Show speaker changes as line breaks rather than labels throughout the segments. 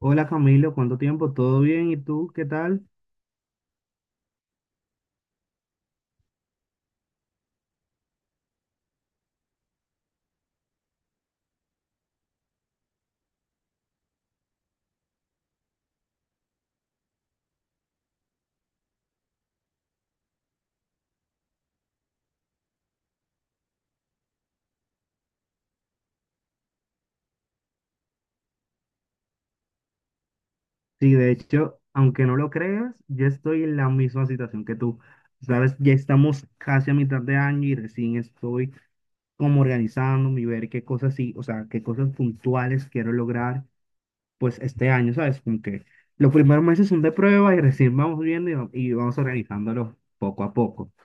Hola Camilo, ¿cuánto tiempo? ¿Todo bien? ¿Y tú qué tal? Sí, de hecho, aunque no lo creas, yo estoy en la misma situación que tú. Sabes, ya estamos casi a mitad de año y recién estoy como organizando, y ver qué cosas sí, o sea, qué cosas puntuales quiero lograr, pues este año, ¿sabes? Como que los primeros meses son de prueba y recién vamos viendo y vamos organizándolo poco a poco.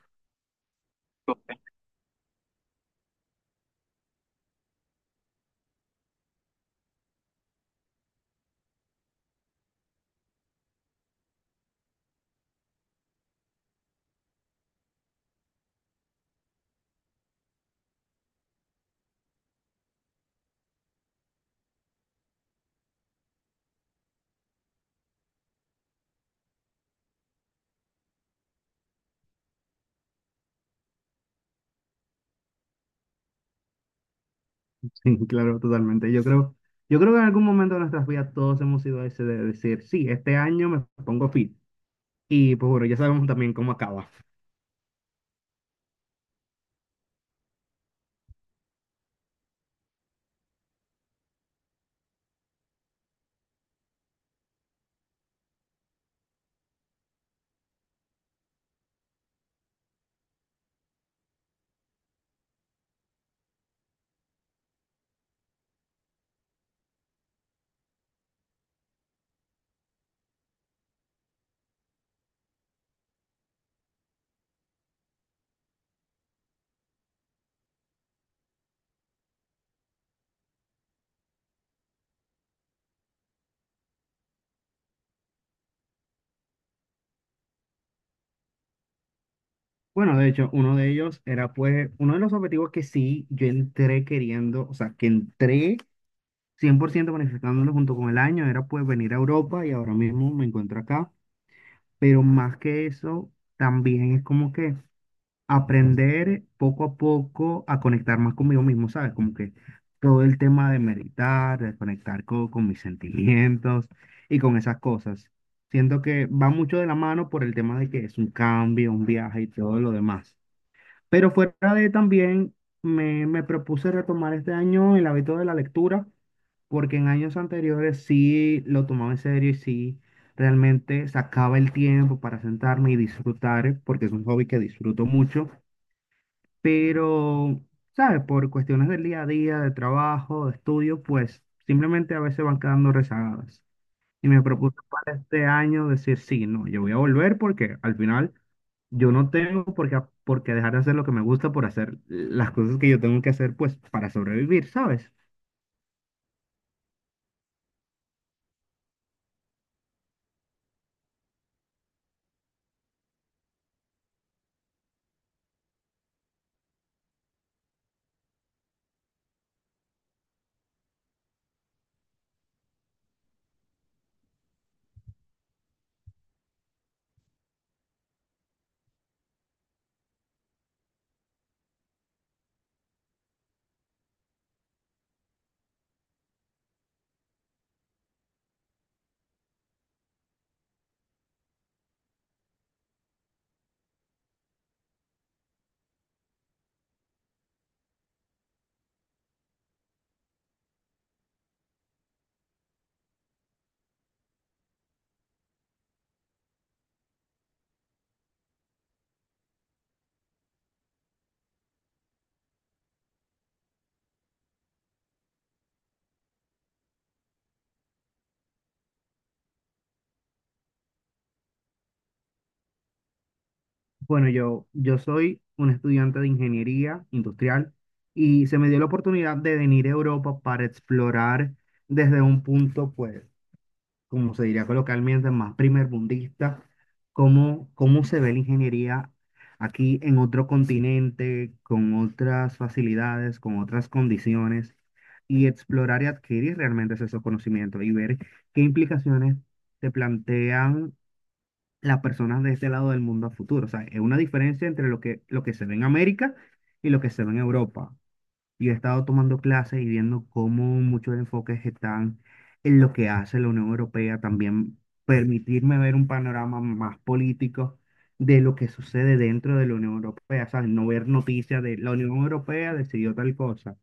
Sí, claro, totalmente. Yo creo que en algún momento de nuestras vidas todos hemos sido ese de decir, sí, este año me pongo fit. Y pues bueno, ya sabemos también cómo acaba. Bueno, de hecho, uno de ellos era pues uno de los objetivos que sí yo entré queriendo, o sea, que entré 100% planificándolo junto con el año, era pues venir a Europa y ahora mismo me encuentro acá. Pero más que eso, también es como que aprender poco a poco a conectar más conmigo mismo, ¿sabes? Como que todo el tema de meditar, de conectar con, mis sentimientos y con esas cosas. Siento que va mucho de la mano por el tema de que es un cambio, un viaje y todo lo demás. Pero fuera de también, me propuse retomar este año el hábito de la lectura, porque en años anteriores sí lo tomaba en serio y sí realmente sacaba el tiempo para sentarme y disfrutar, porque es un hobby que disfruto mucho pero, ¿sabes? Por cuestiones del día a día, de trabajo, de estudio, pues simplemente a veces van quedando rezagadas. Y me propuse para este año decir, sí, no, yo voy a volver porque al final yo no tengo por qué dejar de hacer lo que me gusta por hacer las cosas que yo tengo que hacer, pues para sobrevivir, ¿sabes? Bueno, yo soy un estudiante de ingeniería industrial y se me dio la oportunidad de venir a Europa para explorar desde un punto, pues como se diría coloquialmente, más primermundista, cómo se ve la ingeniería aquí en otro continente, con otras facilidades, con otras condiciones, y explorar y adquirir realmente esos conocimientos y ver qué implicaciones te plantean las personas de este lado del mundo a futuro. O sea, es una diferencia entre lo que se ve en América y lo que se ve en Europa. Yo he estado tomando clases y viendo cómo muchos enfoques están en lo que hace la Unión Europea, también permitirme ver un panorama más político de lo que sucede dentro de la Unión Europea, ¿sabes? No ver noticias de la Unión Europea decidió tal cosa,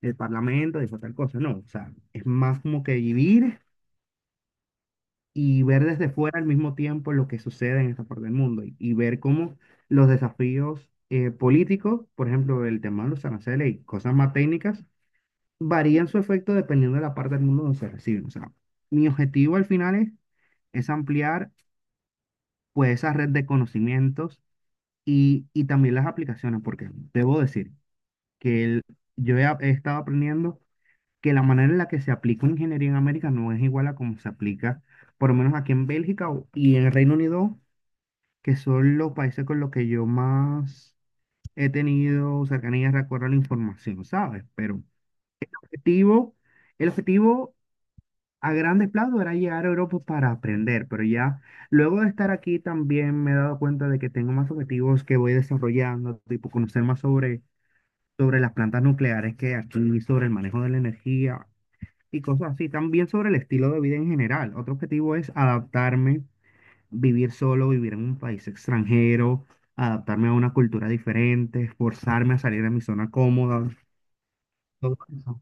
el Parlamento dijo tal cosa, no, o sea, es más como que vivir y ver desde fuera al mismo tiempo lo que sucede en esta parte del mundo y ver cómo los desafíos políticos, por ejemplo, el tema de los aranceles y cosas más técnicas, varían su efecto dependiendo de la parte del mundo donde se reciben. O sea, mi objetivo al final es ampliar pues esa red de conocimientos y también las aplicaciones, porque debo decir que yo he, he estado aprendiendo que la manera en la que se aplica una ingeniería en América no es igual a como se aplica, por lo menos aquí en Bélgica y en el Reino Unido, que son los países con los que yo más he tenido cercanía, recuerdo la información, ¿sabes? Pero objetivo... El objetivo a grandes planos era llegar a Europa para aprender, pero ya luego de estar aquí también me he dado cuenta de que tengo más objetivos que voy desarrollando, tipo conocer más sobre las plantas nucleares que aquí, sobre el manejo de la energía y cosas así, también sobre el estilo de vida en general. Otro objetivo es adaptarme, vivir solo, vivir en un país extranjero, adaptarme a una cultura diferente, forzarme a salir de mi zona cómoda. Todo eso.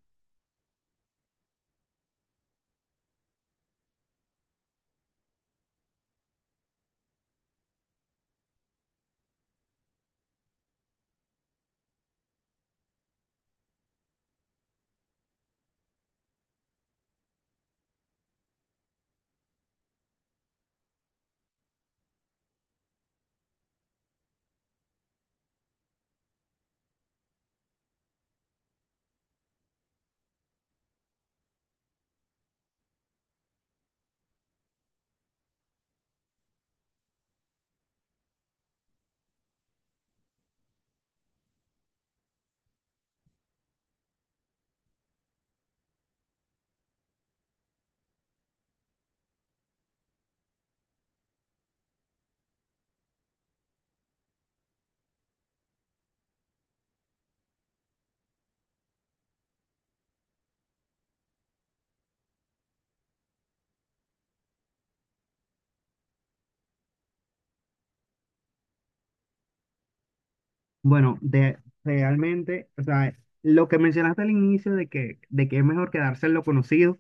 Bueno, de, realmente, o sea, lo que mencionaste al inicio de que es mejor quedarse en lo conocido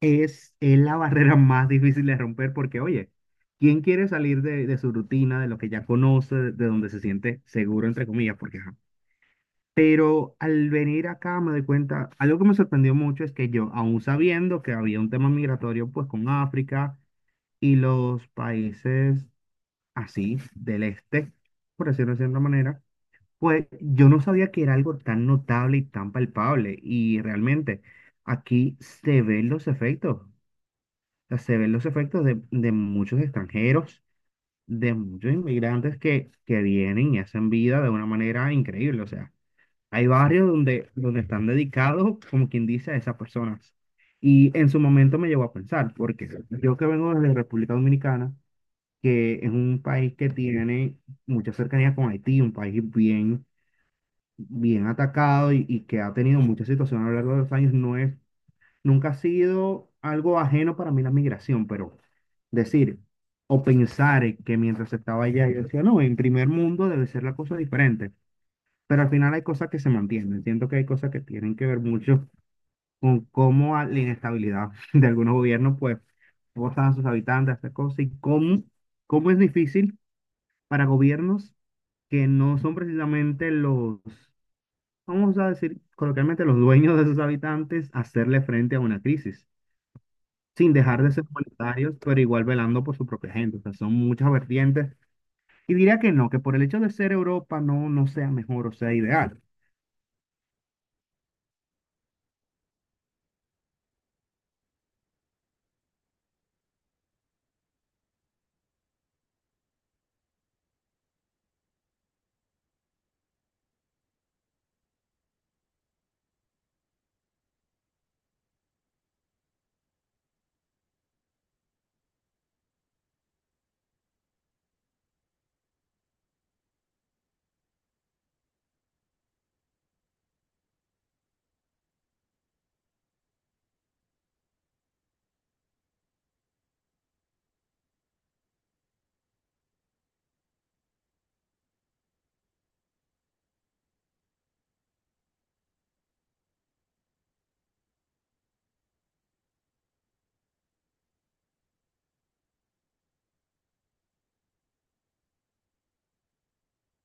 es la barrera más difícil de romper porque, oye, ¿quién quiere salir de su rutina, de lo que ya conoce, de donde se siente seguro, entre comillas? Porque, ajá. Pero al venir acá me doy cuenta, algo que me sorprendió mucho es que yo, aún sabiendo que había un tema migratorio pues con África y los países así del este, por decirlo de cierta manera, pues yo no sabía que era algo tan notable y tan palpable y realmente aquí se ven los efectos, o sea, se ven los efectos de muchos extranjeros, de muchos inmigrantes que vienen y hacen vida de una manera increíble, o sea, hay barrios donde, donde están dedicados, como quien dice, a esas personas. Y en su momento me llevó a pensar, porque yo que vengo desde República Dominicana, que es un país que tiene mucha cercanía con Haití, un país bien bien atacado y que ha tenido muchas situaciones a lo largo de los años, no es, nunca ha sido algo ajeno para mí la migración, pero decir o pensar que mientras estaba allá, yo decía, no, en primer mundo debe ser la cosa diferente, pero al final hay cosas que se mantienen, entiendo que hay cosas que tienen que ver mucho con cómo la inestabilidad de algunos gobiernos, pues, forzan a sus habitantes a hacer cosas y cómo, cómo es difícil para gobiernos que no son precisamente los vamos a decir coloquialmente, los dueños de sus habitantes hacerle frente a una crisis, sin dejar de ser monetarios, pero igual velando por su propia gente. O sea, son muchas vertientes. Y diría que no, que por el hecho de ser Europa no, no sea mejor o sea ideal.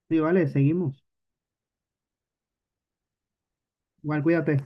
Sí, vale, seguimos. Igual, cuídate.